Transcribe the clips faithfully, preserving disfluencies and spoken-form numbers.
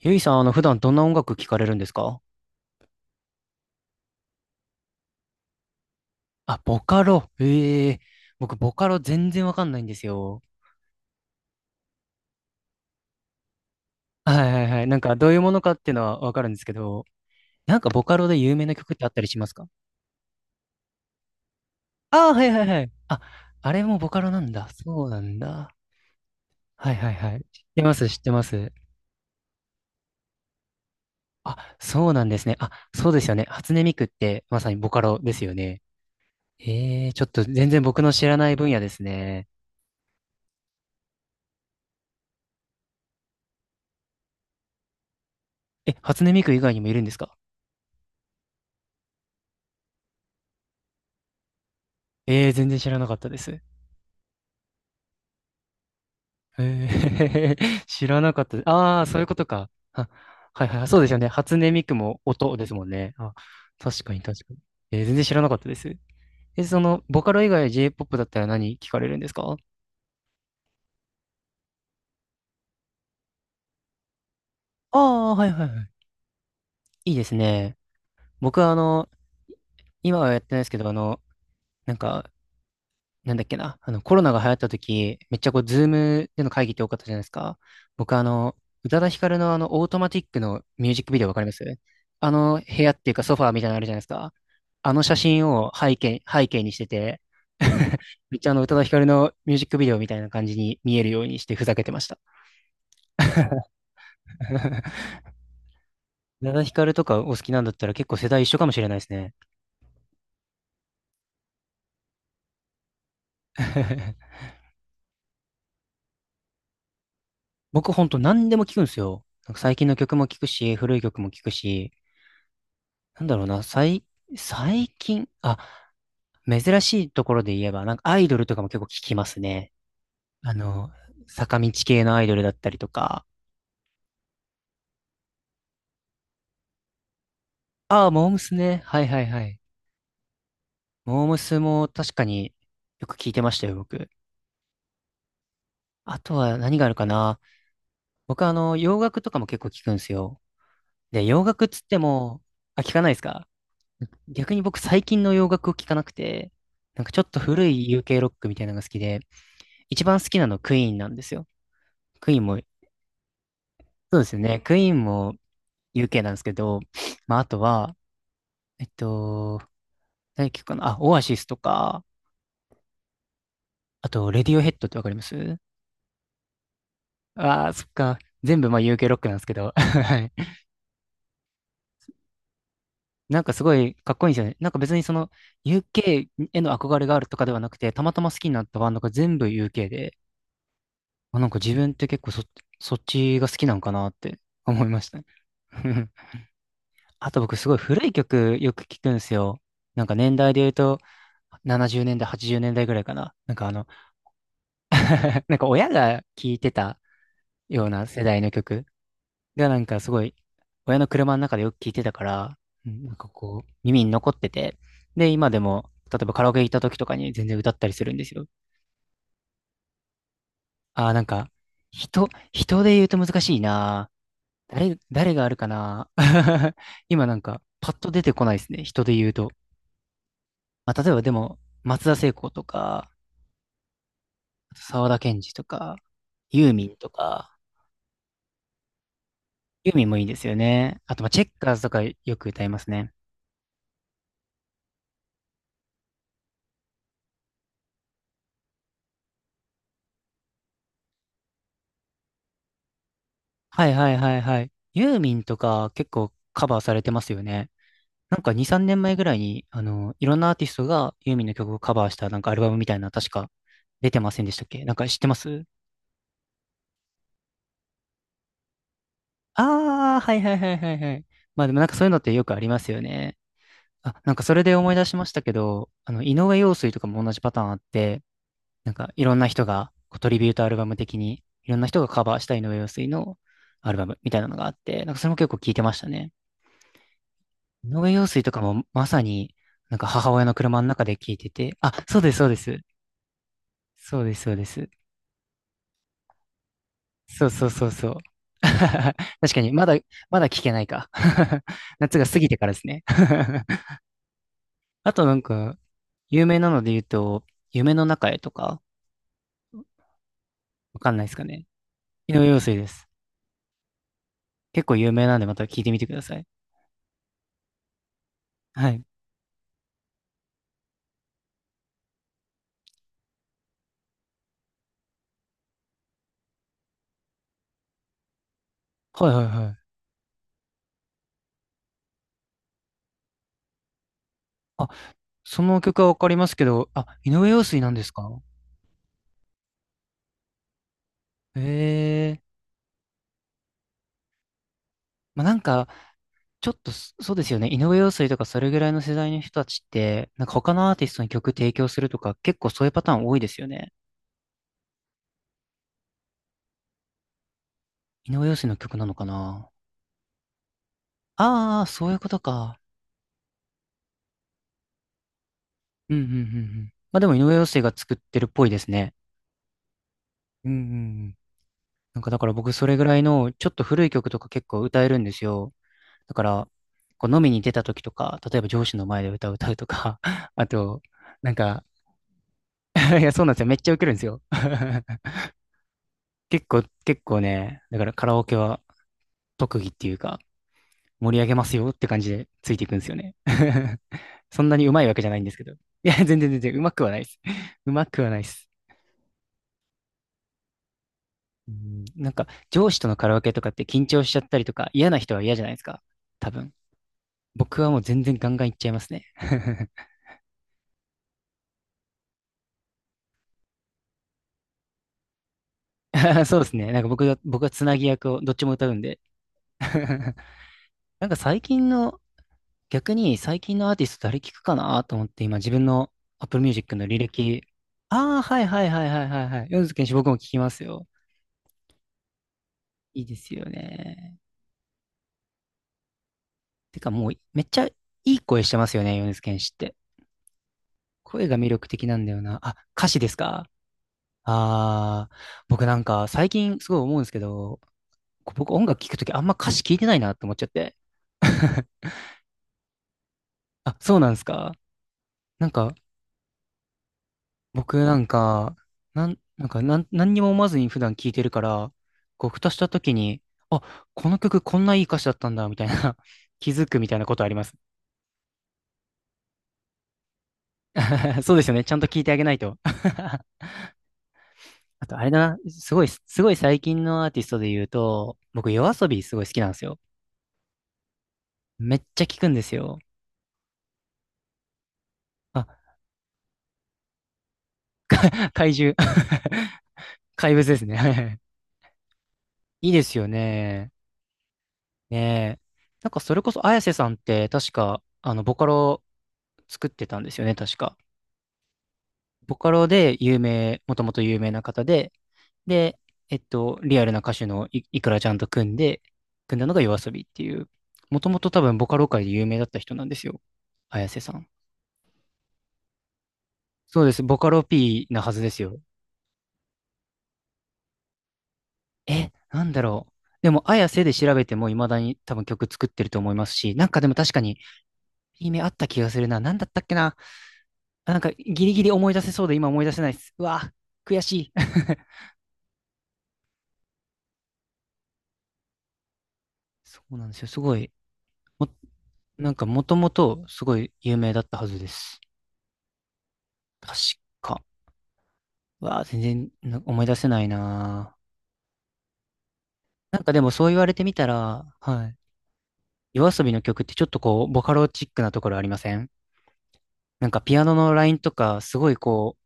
ゆいさん、あの、普段どんな音楽聴かれるんですか？あ、ボカロ。ええ。僕、ボカロ全然わかんないんですよ。はいはいはい。なんか、どういうものかっていうのはわかるんですけど、なんか、ボカロで有名な曲ってあったりしますか？ああー、はいはいはい。あ、あれもボカロなんだ。そうなんだ。はいはいはい。知ってます、知ってます。あ、そうなんですね。あ、そうですよね。初音ミクって、まさにボカロですよね。ええ、ちょっと全然僕の知らない分野ですね。え、初音ミク以外にもいるんですか？ええ、全然知らなかったです。えー、知らなかった。ああ、そういうことか。あ、はいはい。そうですよね。初音ミクも音ですもんね。あ、確かに確かに。えー、全然知らなかったです。え、その、ボカロ以外 J-ピーオーピー だったら何聞かれるんですか？ああー、はいはいはい。いいですね。僕はあの、今はやってないですけど、あの、なんか、なんだっけな、あの、コロナが流行った時、めっちゃこう、ズームでの会議って多かったじゃないですか。僕、あの、宇多田ヒカルのあの、オートマティックのミュージックビデオわかりますあの、部屋っていうかソファーみたいなのあるじゃないですか。あの写真を背景、背景にしてて、めっちゃあの、宇多田ヒカルのミュージックビデオみたいな感じに見えるようにしてふざけてました。宇多田ヒカルとかお好きなんだったら結構世代一緒かもしれないですね。僕ほんと何でも聞くんですよ。なんか最近の曲も聞くし、古い曲も聞くし、なんだろうな、最、最近、あ、珍しいところで言えば、なんかアイドルとかも結構聞きますね。あの、坂道系のアイドルだったりとか。ああ、モームスね。はいはいはい。モームスも確かによく聞いてましたよ、僕。あとは何があるかな。僕あの、洋楽とかも結構聞くんですよ。で、洋楽っつっても、あ、聞かないですか？逆に僕最近の洋楽を聞かなくて、なんかちょっと古い ユーケー ロックみたいなのが好きで、一番好きなのクイーンなんですよ。クイーンも、そうですよね。クイーンも ユーケー なんですけど、まあ、あとは、えっと、何曲かなあ、オアシスとか、あと、レディオヘッドってわかりますああー、そっか。全部、まあ、ユーケー ロックなんですけど。はい。なんかすごいかっこいいんですよね。なんか別にその、ユーケー への憧れがあるとかではなくて、たまたま好きになったバンドが全部 ユーケー で、あ、なんか自分って結構そ、そっちが好きなんかなって思いましたね。あと僕すごい古い曲よく聞くんですよ。なんか年代で言うとななじゅうねんだい、はちじゅうねんだいぐらいかな。なんかあの、 なんか親が聞いてたような世代の曲がなんかすごい、親の車の中でよく聞いてたから、うん、なんかこう耳に残ってて、で今でも例えばカラオケ行った時とかに全然歌ったりするんですよ。ああ、なんか人、人で言うと難しいな。誰、誰があるかな。今なんかパッと出てこないですね。人で言うと。まあ、例えばでも、松田聖子とか、あと沢田研二とか、ユーミンとか、ユーミンもいいですよね。あと、まあ、チェッカーズとかよく歌いますね。はいはいはいはい。ユーミンとか結構カバーされてますよね。なんかに、さんねんまえぐらいに、あの、いろんなアーティストがユーミンの曲をカバーしたなんかアルバムみたいな、確か出てませんでしたっけ？なんか知ってますああー、はいはいはいはいはい。まあでもなんかそういうのってよくありますよね。あ、なんかそれで思い出しましたけど、あの、井上陽水とかも同じパターンあって、なんかいろんな人が、こうトリビュートアルバム的に、いろんな人がカバーした井上陽水のアルバムみたいなのがあって、なんかそれも結構聞いてましたね。井上陽水とかもまさに、なんか母親の車の中で聞いてて、あ、そうです、そうです。そうです、そうです。そうそうそうそう。確かに、まだ、まだ聞けないか。夏が過ぎてからですね。あとなんか、有名なので言うと、夢の中へとか、わかんないですかね。井上陽水です。結構有名なんでまた聞いてみてください。はい。はいはいはい。あ、その曲はわかりますけど、あ、井上陽水なんですか？ええ。まあ、なんか、ちょっとそそうですよね。井上陽水とかそれぐらいの世代の人たちって、なんか他のアーティストに曲提供するとか、結構そういうパターン多いですよね。井上陽水の曲なのかな。ああー、そういうことか。うんうんうんうん。まあでも井上陽水が作ってるっぽいですね。うんうんうん。なんかだから僕それぐらいのちょっと古い曲とか結構歌えるんですよ。だから、こう飲みに出た時とか、例えば上司の前で歌を歌うとか、あと、なんか、いや、そうなんですよ。めっちゃウケるんですよ。結構、結構ね、だからカラオケは特技っていうか、盛り上げますよって感じでついていくんですよね。そんなに上手いわけじゃないんですけど。いや、全然全然上手くはないです。上手くはないです。うん、なんか、上司とのカラオケとかって緊張しちゃったりとか、嫌な人は嫌じゃないですか。多分。僕はもう全然ガンガンいっちゃいますね。そうですね。なんか僕が、僕がつなぎ役をどっちも歌うんで。なんか最近の、逆に最近のアーティスト誰聞くかなと思って今自分の Apple Music の履歴。ああ、はいはいはいはいはいはい。米津玄師僕も聞きますよ。いいですよね。てかもうめっちゃいい声してますよね、米津玄師って。声が魅力的なんだよな。あ、歌詞ですか？ああー、僕なんか最近すごい思うんですけど、僕音楽聞くときあんま歌詞聞いてないなって思っちゃって。あ、そうなんですか？なんか、僕なんか、なん、なんか、なん、何にも思わずに普段聴いてるから、こう、ふとした時に、あ、この曲こんないい歌詞だったんだ、みたいな、気づくみたいなことあります。そうですよね。ちゃんと聴いてあげないと。あと、あれだな。すごい、すごい最近のアーティストで言うと、僕、夜遊びすごい好きなんですよ。めっちゃ聴くんですよ。あ、怪獣。怪物ですね。いいですよね。ねえ。なんか、それこそ、綾瀬さんって、確か、あの、ボカロ作ってたんですよね、確か。ボカロで有名、もともと有名な方で、で、えっと、リアルな歌手のい、いくらちゃんと組んで、組んだのが夜遊びっていう、もともと多分ボカロ界で有名だった人なんですよ、綾瀬さん。そうです、ボカロ P なはずですよ。え、なんだろう。でも、綾瀬で調べても未だに多分曲作ってると思いますし、なんかでも確かに、いい目あった気がするな。なんだったっけな。あ、なんか、ギリギリ思い出せそうで今思い出せないです。うわ、悔しい。そうなんですよ。すごい、も、なんかもともとすごい有名だったはずです。確か。わあ、全然な思い出せないなあ。なんかでもそう言われてみたら、はい。夜遊びの曲ってちょっとこう、ボカロチックなところありません？なんかピアノのラインとか、すごいこ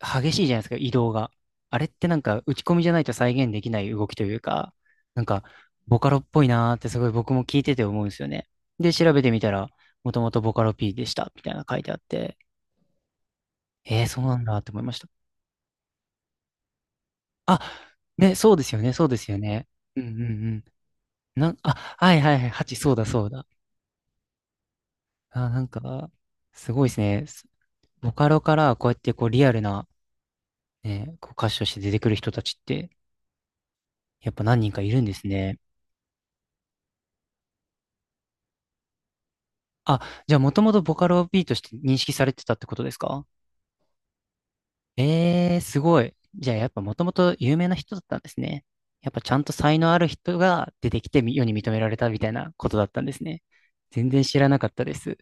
う、激しいじゃないですか、移動が。あれってなんか打ち込みじゃないと再現できない動きというか、なんか、ボカロっぽいなーってすごい僕も聞いてて思うんですよね。で、調べてみたら、もともとボカロ P でした、みたいなの書いてあって、えー、そうなんだって思いました。あ、ね、そうですよね、そうですよね。うんうんうん。なん、あ、はいはいはい、はち、そうだそうだ。あ、なんか、すごいですね。す、ボカロからこうやってこうリアルな、ね、こう歌手として出てくる人たちって、やっぱ何人かいるんですね。あ、じゃあもともとボカロ B として認識されてたってことですか？えー、すごい。じゃあやっぱもともと有名な人だったんですね。やっぱちゃんと才能ある人が出てきてみ世に認められたみたいなことだったんですね。全然知らなかったです。